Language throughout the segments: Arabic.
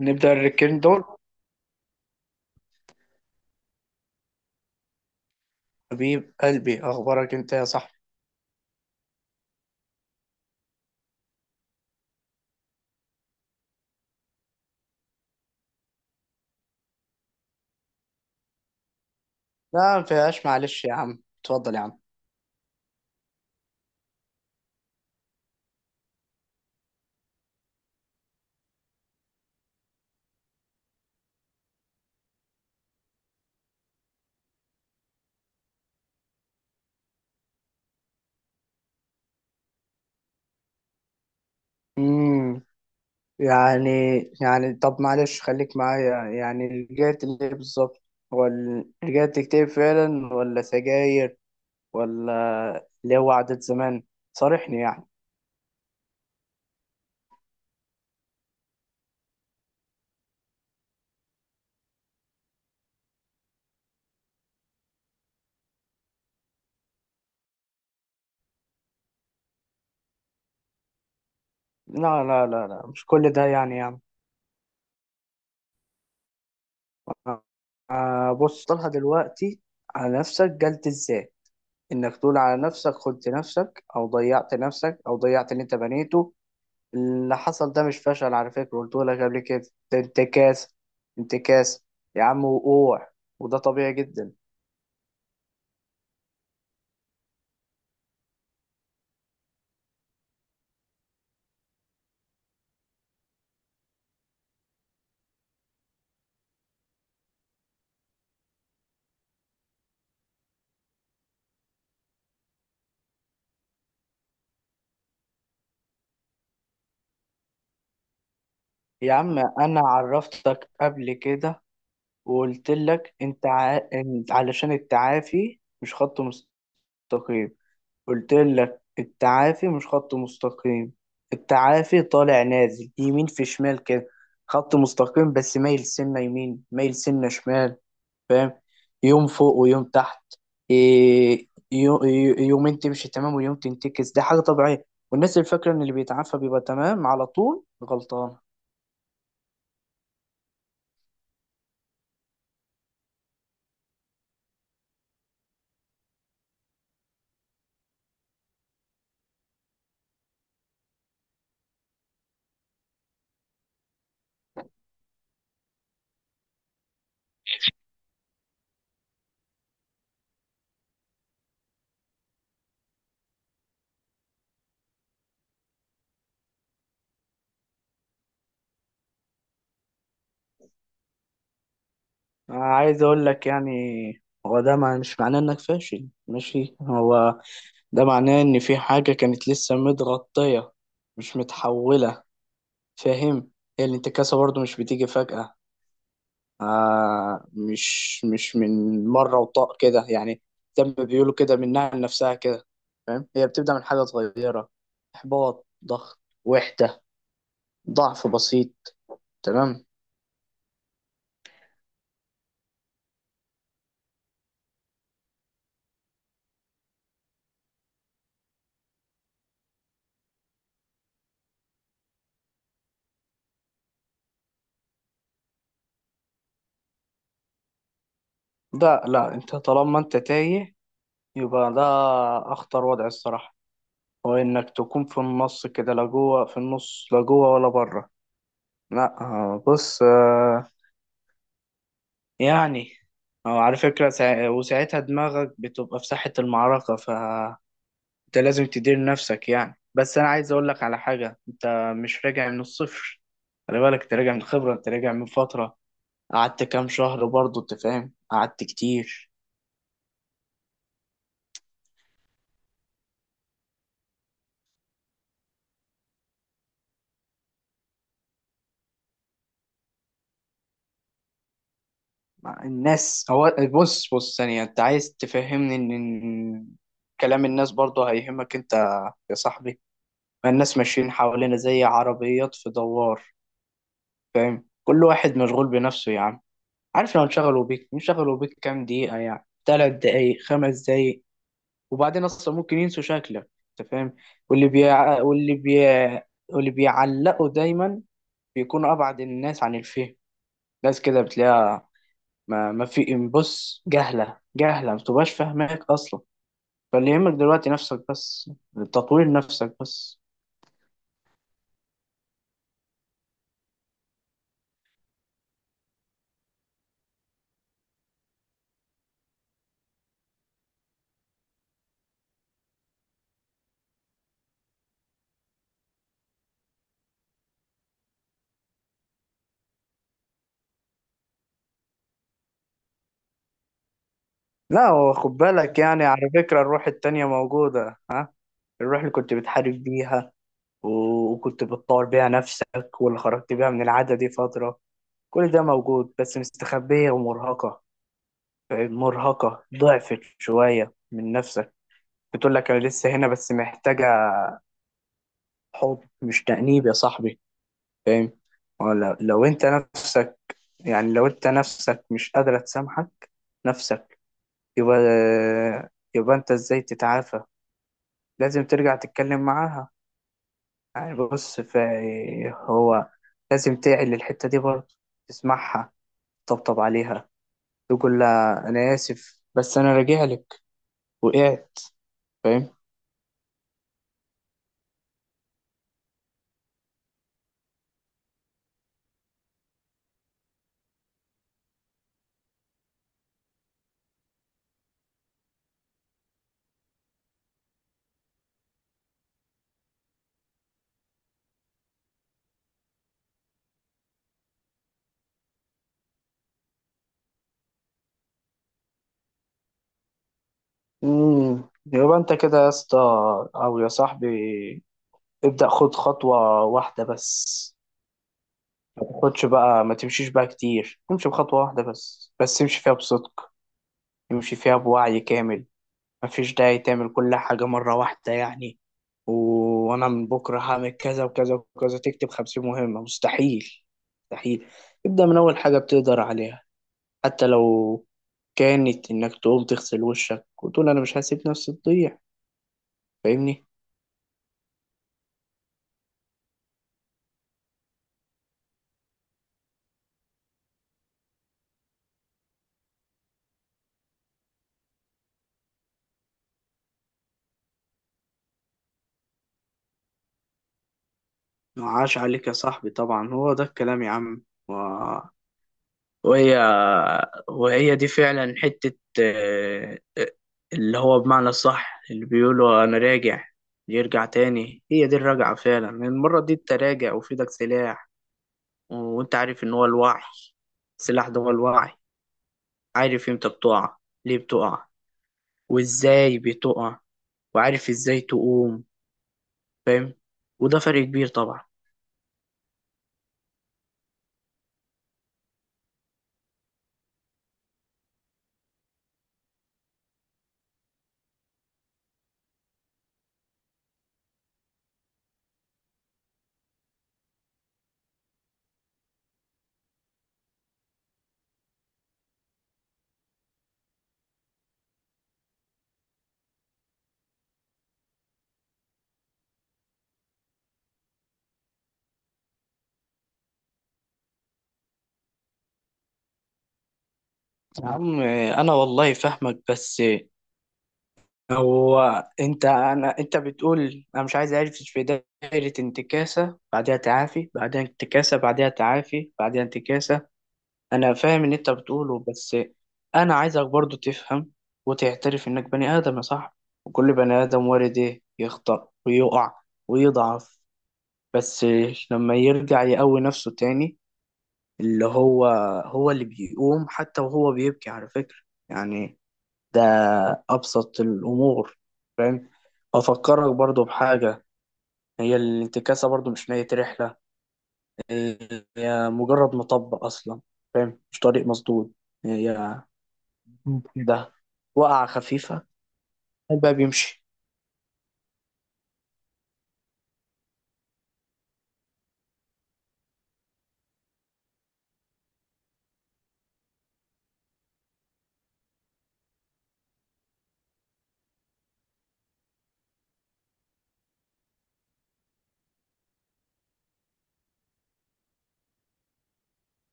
نبدأ الركين دول. حبيب قلبي، أخبارك أنت يا صاحبي. لا ما فيهاش، معلش يا عم، اتفضل يا عم. امم يعني يعني طب معلش، خليك معايا يعني، رجعت ليه بالظبط؟ رجعت تكتب فعلا ولا سجاير؟ ولا اللي هو عادة زمان؟ صارحني يعني. لا لا لا لا، مش كل ده يعني يا عم. آه، بص، طلع دلوقتي على نفسك جلد ازاي، انك تقول على نفسك خنت نفسك او ضيعت نفسك او ضيعت اللي انت بنيته. اللي حصل ده مش فشل، على فكرة قلت لك قبل كده. ده انتكاس، انتكاس يا عم، وقوع. وده طبيعي جدا. يا عم انا عرفتك قبل كده، وقلت لك انت علشان التعافي مش خط مستقيم. قلت لك التعافي مش خط مستقيم، التعافي طالع نازل يمين في شمال كده، خط مستقيم بس مايل سنة يمين مايل سنة شمال. فاهم؟ يوم فوق ويوم تحت. إيه، يومين تمشي تمام ويوم تنتكس، دي حاجة طبيعية، والناس اللي فاكرة ان اللي بيتعافى بيبقى تمام على طول غلطان. عايز اقول لك يعني، هو ده مش معناه انك فاشل ماشي، هو ده معناه ان في حاجة كانت لسه متغطية، مش متحولة. فاهم؟ هي الانتكاسة برضو مش بتيجي فجأة. آه، مش من مرة وطاق كده يعني، زي ما بيقولوا كده منها لنفسها كده. فاهم؟ هي بتبدأ من حاجة صغيرة، إحباط، ضغط، وحدة، ضعف بسيط. تمام؟ ده لا، انت طالما انت تايه يبقى ده أخطر وضع الصراحة. هو إنك تكون في النص كده، لا جوه في النص، لا جوه ولا بره. لا، آه، بص، آه، يعني آه، على فكرة وساعتها دماغك بتبقى في ساحة المعركة، ف انت لازم تدير نفسك يعني. بس انا عايز اقول لك على حاجه، انت مش راجع من الصفر. خلي بالك، انت راجع من خبره، انت راجع من فتره، قعدت كام شهر برضه، انت فاهم، قعدت كتير. مع الناس، هو بص بص ثانيه، انت عايز تفهمني إن كلام الناس برضه هيهمك انت يا صاحبي؟ ما الناس ماشيين حوالينا زي عربيات في دوار. فاهم؟ كل واحد مشغول بنفسه يا عم. عارف، لو انشغلوا بيك انشغلوا بيك كام دقيقه، يعني 3 دقايق 5 دقايق، وبعدين اصلا ممكن ينسوا شكلك. انت فاهم؟ واللي بي واللي بي واللي بيعلقوا دايما، بيكونوا ابعد الناس عن الفهم. ناس كده بتلاقيها ما في، بص، جهله جهله ما تبقاش فاهماك اصلا. فاللي يهمك دلوقتي نفسك بس، تطوير نفسك بس. لا هو، خد بالك يعني، على فكره الروح التانية موجوده، ها؟ الروح اللي كنت بتحارب بيها، وكنت بتطور بيها نفسك، واللي خرجت بيها من العادة دي فترة. كل ده موجود بس مستخبية ومرهقة، مرهقة، ضعفت شوية من نفسك. بتقول لك أنا لسه هنا بس محتاجة حب مش تأنيب يا صاحبي. فاهم؟ ولا لو أنت نفسك، يعني لو أنت نفسك مش قادرة تسامحك نفسك، يبقى يبقى أنت إزاي تتعافى؟ لازم ترجع تتكلم معاها. يعني بص، هو لازم تعي للحتة دي برضه، تسمعها، تطبطب عليها، تقول لها أنا آسف بس أنا راجع لك. وقعت، فاهم؟ يبقى انت كده يا اسطى، او يا صاحبي، ابدأ، خد خطوة واحدة بس. ما تاخدش بقى، ما تمشيش بقى كتير، امشي بخطوة واحدة بس، بس امشي فيها بصدق، امشي فيها بوعي كامل. مفيش داعي تعمل كل حاجة مرة واحدة يعني. وانا من بكرة هعمل كذا وكذا وكذا، تكتب 50 مهمة؟ مستحيل، مستحيل. ابدأ من اول حاجة بتقدر عليها، حتى لو كانت انك تقوم تغسل وشك وتقول انا مش هسيب نفسي تضيع. فاهمني؟ عاش عليك يا صاحبي، طبعا هو ده الكلام يا عم، وهي وهي دي فعلا حتة. آه، آه، اللي هو بمعنى الصح، اللي بيقولوا أنا راجع يرجع تاني، هي دي الرجعة فعلا. المرة دي أنت راجع وفي إيدك سلاح، وأنت عارف إن هو الوعي، السلاح ده هو الوعي. عارف إمتى بتقع، ليه بتقع، وإزاي بتقع، وعارف إزاي تقوم. فاهم؟ وده فرق كبير طبعا. يا عم، آه، أنا والله فاهمك بس، هو انت بتقول انا مش عايز اعيش في دائرة انتكاسة بعدها تعافي بعدها انتكاسة بعدها تعافي بعدها انتكاسة. انا فاهم اللي انت بتقوله بس انا عايزك برضو تفهم وتعترف انك بني ادم يا صاحبي. وكل بني ادم وارد ايه يخطأ ويقع ويضعف. بس لما يرجع يقوي نفسه تاني، اللي هو هو اللي بيقوم حتى وهو بيبكي على فكرة. يعني ده أبسط الأمور. فاهم؟ أفكرك برضو بحاجة، هي الانتكاسة برضو مش نهاية رحلة، هي مجرد مطب أصلا. فاهم؟ مش طريق مسدود. هي ممكن ده وقعة خفيفة. الباب بيمشي.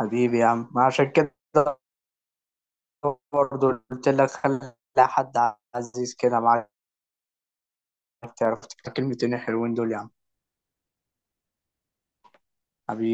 حبيبي يا عم، ما عشان كده برضو قلت لك خلي حد عزيز كده معاك. تعرف؟ تكلمتين حلوين دول يا عم. حبيبي.